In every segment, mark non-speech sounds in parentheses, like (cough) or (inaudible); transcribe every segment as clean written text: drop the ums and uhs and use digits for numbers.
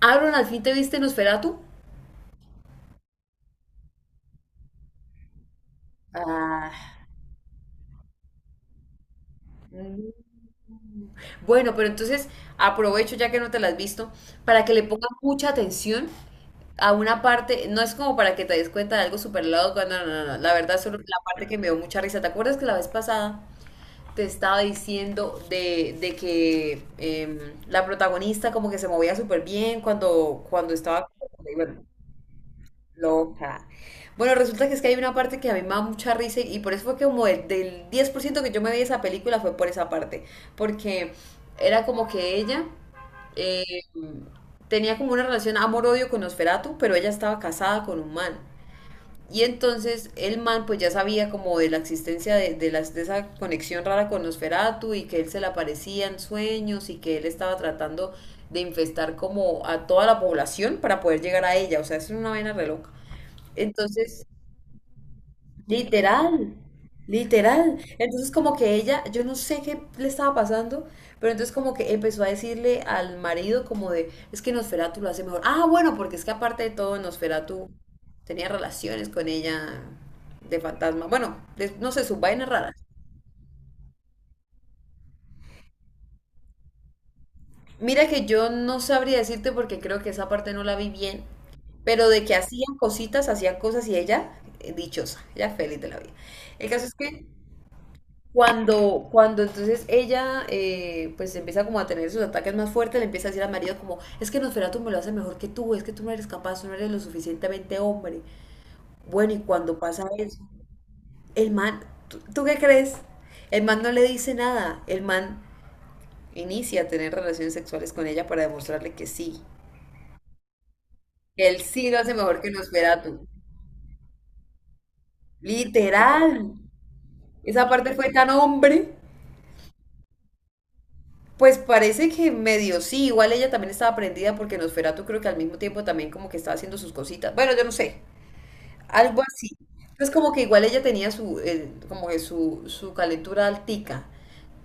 Aaron, ¿al fin te viste Nosferatu? Ah. Mm. Bueno, pero entonces aprovecho ya que no te la has visto para que le pongas mucha atención a una parte, no es como para que te des cuenta de algo súper loco, cuando no, no, no, la verdad solo la parte que me dio mucha risa. ¿Te acuerdas que la vez pasada te estaba diciendo de que la protagonista como que se movía súper bien cuando estaba. Bueno, loca. Bueno, resulta que es que hay una parte que a mí me da mucha risa y por eso fue que como del 10% que yo me vi esa película fue por esa parte, porque era como que ella eh, tenía como una relación amor-odio con Nosferatu, pero ella estaba casada con un man. Y entonces el man pues ya sabía como de la existencia de esa conexión rara con Nosferatu y que él se le aparecía en sueños y que él estaba tratando de infestar como a toda la población para poder llegar a ella. O sea, es una vaina reloj. Entonces, literal, literal. Entonces como que ella, yo no sé qué le estaba pasando, pero entonces como que empezó a decirle al marido como de, es que Nosferatu lo hace mejor. Ah, bueno, porque es que aparte de todo, Nosferatu tenía relaciones con ella de fantasma. Bueno, de, no sé, sus vainas raras. Mira que yo no sabría decirte porque creo que esa parte no la vi bien, pero de que hacían cositas, hacían cosas y ella, dichosa, ella feliz de la vida. El caso es que cuando entonces ella pues empieza como a tener sus ataques más fuertes, le empieza a decir al marido como, es que Nosferatu me lo hace mejor que tú, es que tú no eres capaz, tú no eres lo suficientemente hombre. Bueno, y cuando pasa eso, el man, ¿tú qué crees? El man no le dice nada, el man inicia a tener relaciones sexuales con ella para demostrarle que sí, que él sí lo hace mejor que Nosferatu. Literal, esa parte fue tan hombre. Pues parece que medio sí, igual ella también estaba prendida porque Nosferatu creo que al mismo tiempo también como que estaba haciendo sus cositas. Bueno, yo no sé, algo así. Entonces como que igual ella tenía su, como que su calentura altica,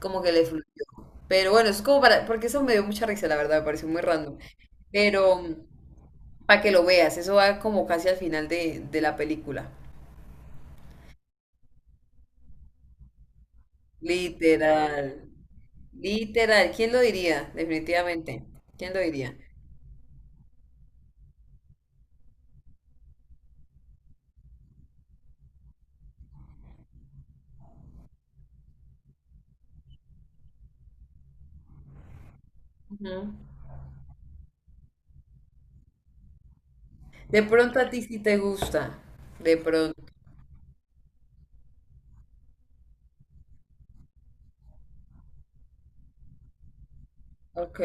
como que le fluyó. Pero bueno, es como para, porque eso me dio mucha risa, la verdad, me pareció muy random. Pero para que lo veas, eso va como casi al final de la película. Literal, literal, ¿quién lo diría? Definitivamente, ¿quién lo diría? Ujú. De pronto a ti sí te gusta. De pronto. Ok.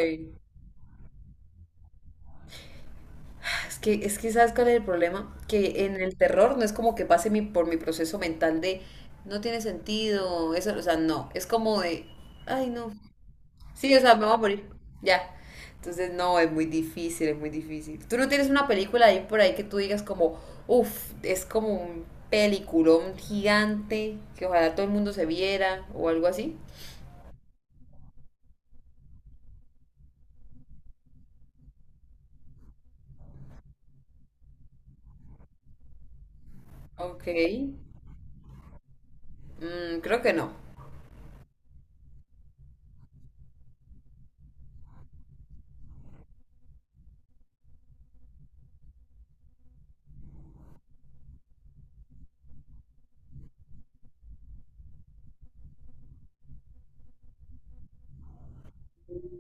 Es que ¿sabes cuál es el problema? Que en el terror no es como que pase mi, por mi proceso mental de no tiene sentido, eso, o sea, no. Es como de, ay, no. Sí, o sea, me voy a morir. Ya. Entonces, no, es muy difícil, es muy difícil. ¿Tú no tienes una película ahí por ahí que tú digas como, uff, es como un peliculón gigante que ojalá todo el mundo se viera o algo así? Ok. Creo que no.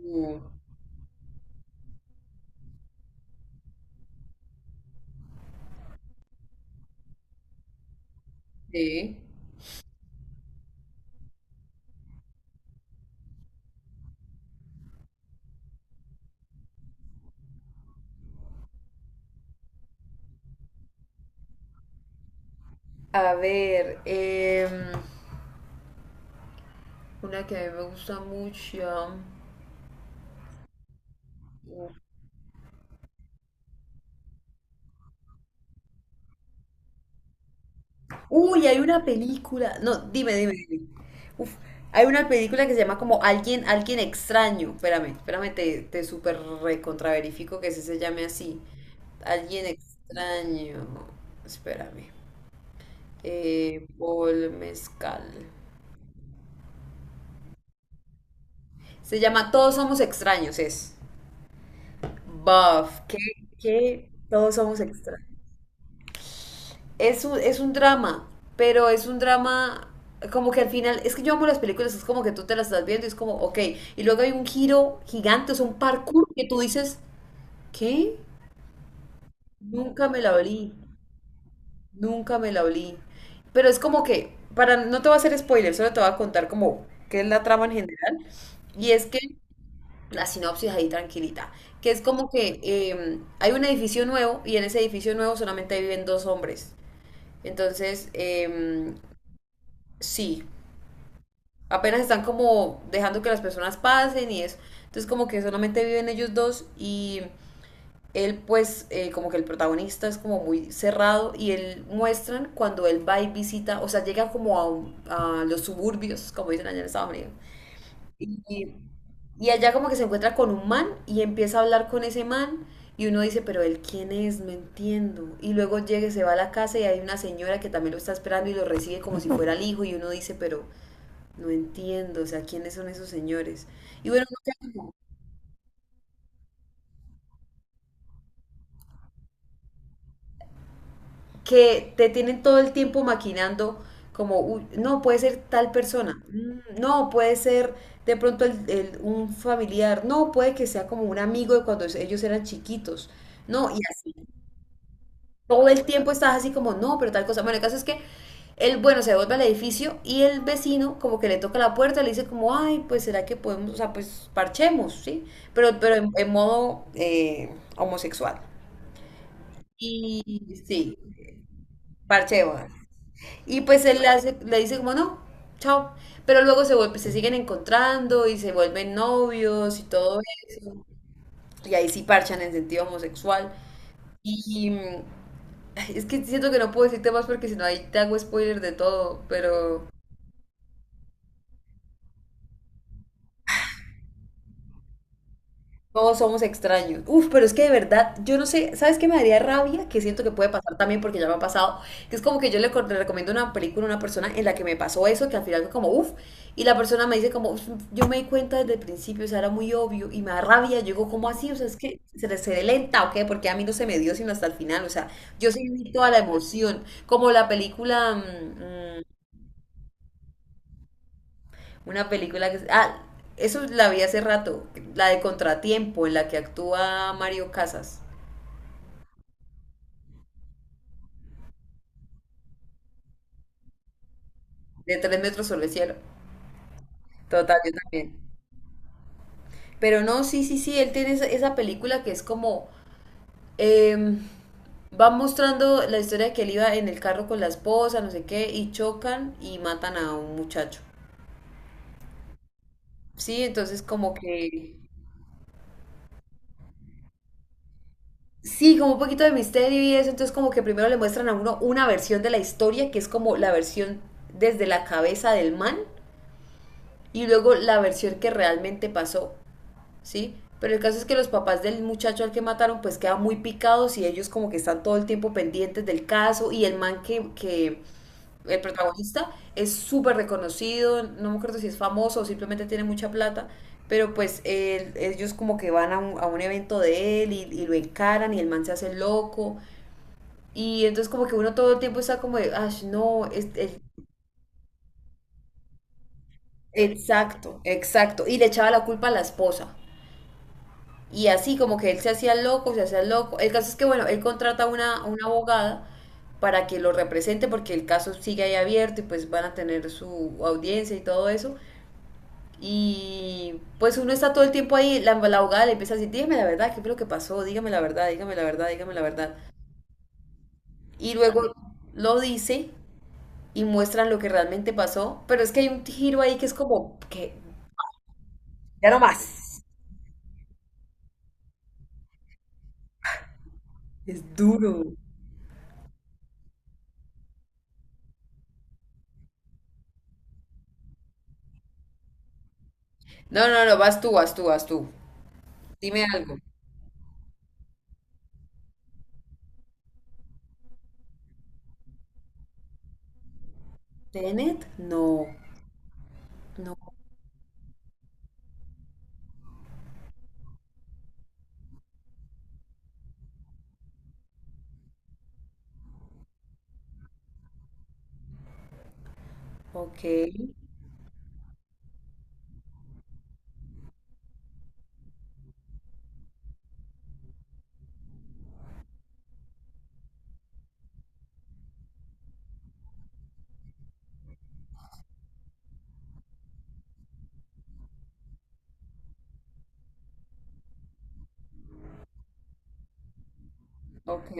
Uh, sí. A ver, una que a mí me gusta mucho. Uf. Uy, hay una película. No, dime, dime, dime. Uf, hay una película que se llama como Alguien Extraño. Espérame, espérame, te súper recontraverifico que ese se llame así. Alguien Extraño. Espérame. Paul Mezcal. Se llama Todos Somos Extraños, es. Buff. ¿Qué? ¿Qué? Todos somos extraños. Es un, es un drama, pero es un drama como que al final, es que yo amo las películas, es como que tú te las estás viendo y es como, ok, y luego hay un giro gigante, es un parkour que tú dices, ¿qué? Nunca me la olí, nunca me la olí. Pero es como que, para, no te voy a hacer spoiler, solo te voy a contar como qué es la trama en general. Y es que, la sinopsis ahí tranquilita, que es como que hay un edificio nuevo y en ese edificio nuevo solamente viven dos hombres. Entonces, sí. Apenas están como dejando que las personas pasen y eso. Entonces como que solamente viven ellos dos y él pues como que el protagonista es como muy cerrado y él muestran cuando él va y visita, o sea, llega como a los suburbios, como dicen allá en Estados Unidos. Y, y allá como que se encuentra con un man y empieza a hablar con ese man y uno dice, pero él quién es, no entiendo. Y luego llega, y se va a la casa y hay una señora que también lo está esperando y lo recibe como si fuera el hijo y uno dice, pero no entiendo, o sea, ¿quiénes son esos señores? Y bueno, uno que te tienen todo el tiempo maquinando como, "Uy, no, puede ser tal persona. Mm, no, puede ser de pronto un familiar, no, puede que sea como un amigo de cuando ellos eran chiquitos, no, y así, todo el tiempo estás así como, no, pero tal cosa. Bueno, el caso es que él, bueno, se devuelve al edificio y el vecino como que le toca la puerta, le dice como, ay, pues será que podemos, o sea, pues parchemos, ¿sí? Pero en modo homosexual. Y sí, parche de bodas. Y pues él le dice como no, chao. Pero luego se vuelve, se siguen encontrando y se vuelven novios y todo eso. Y ahí sí parchan en sentido homosexual. Y mm, ay, es que siento que no puedo decirte más porque si no ahí te hago spoiler de todo, pero Todos somos extraños. Uf, pero es que de verdad, yo no sé, ¿sabes qué me daría rabia? Que siento que puede pasar también porque ya me ha pasado. Que es como que yo le, le recomiendo una película a una persona en la que me pasó eso, que al final fue como, uf, y la persona me dice como, "Uf, yo me di cuenta desde el principio, o sea, era muy obvio", y me da rabia. Yo digo, ¿cómo así? O sea, es que se le lenta, ¿o qué? Porque a mí no se me dio sino hasta el final, o sea, yo sí vi toda la emoción. Como la película, mm, una película que. Ah, eso la vi hace rato, la de Contratiempo, en la que actúa Mario Casas. De tres metros sobre el cielo. Total, yo también. Pero no, sí, sí, sí, él tiene esa, esa película que es como, em, va mostrando la historia de que él iba en el carro con la esposa, no sé qué, y chocan y matan a un muchacho. Sí, entonces como que. Sí, como un poquito de misterio y eso, entonces como que primero le muestran a uno una versión de la historia, que es como la versión desde la cabeza del man, y luego la versión que realmente pasó. ¿Sí? Pero el caso es que los papás del muchacho al que mataron pues quedan muy picados y ellos como que están todo el tiempo pendientes del caso y el man que el protagonista es súper reconocido, no me acuerdo si es famoso o simplemente tiene mucha plata, pero pues ellos como que van a un evento de él y lo encaran y el man se hace loco y entonces como que uno todo el tiempo está como de, "Ash, no, exacto, exacto", y le echaba la culpa a la esposa. Y así como que él se hacía loco, se hacía loco. El caso es que, bueno, él contrata a una abogada para que lo represente porque el caso sigue ahí abierto y pues van a tener su audiencia y todo eso. Y pues uno está todo el tiempo ahí, la abogada le empieza a decir, dígame la verdad, ¿qué fue lo que pasó? Dígame la verdad, dígame la verdad, dígame la verdad. Y luego lo dice y muestran lo que realmente pasó, pero es que hay un giro ahí que es como que ya no más. Es duro. No, no, no, vas tú, vas tú, vas tú. Dime algo. Tenet, no, no, ok, ok,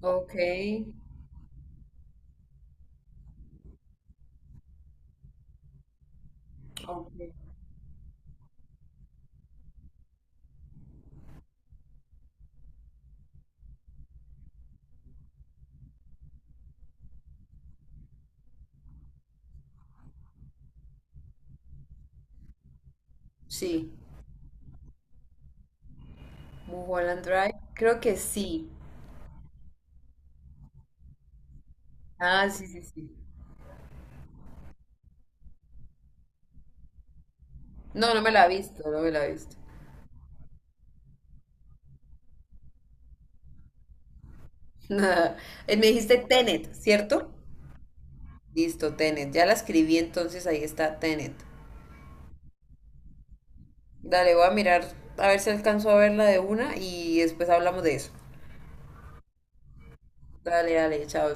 ok, ok, sí, Mulholland Drive, creo que sí, ah, sí, sí, sí, no, no me la he visto, no me la he visto. (laughs) Me dijiste Tenet, ¿cierto? Listo, Tenet, ya la escribí entonces, ahí está Tenet, dale, voy a mirar, a ver si alcanzo a verla de una y después hablamos de eso, dale, dale, chao.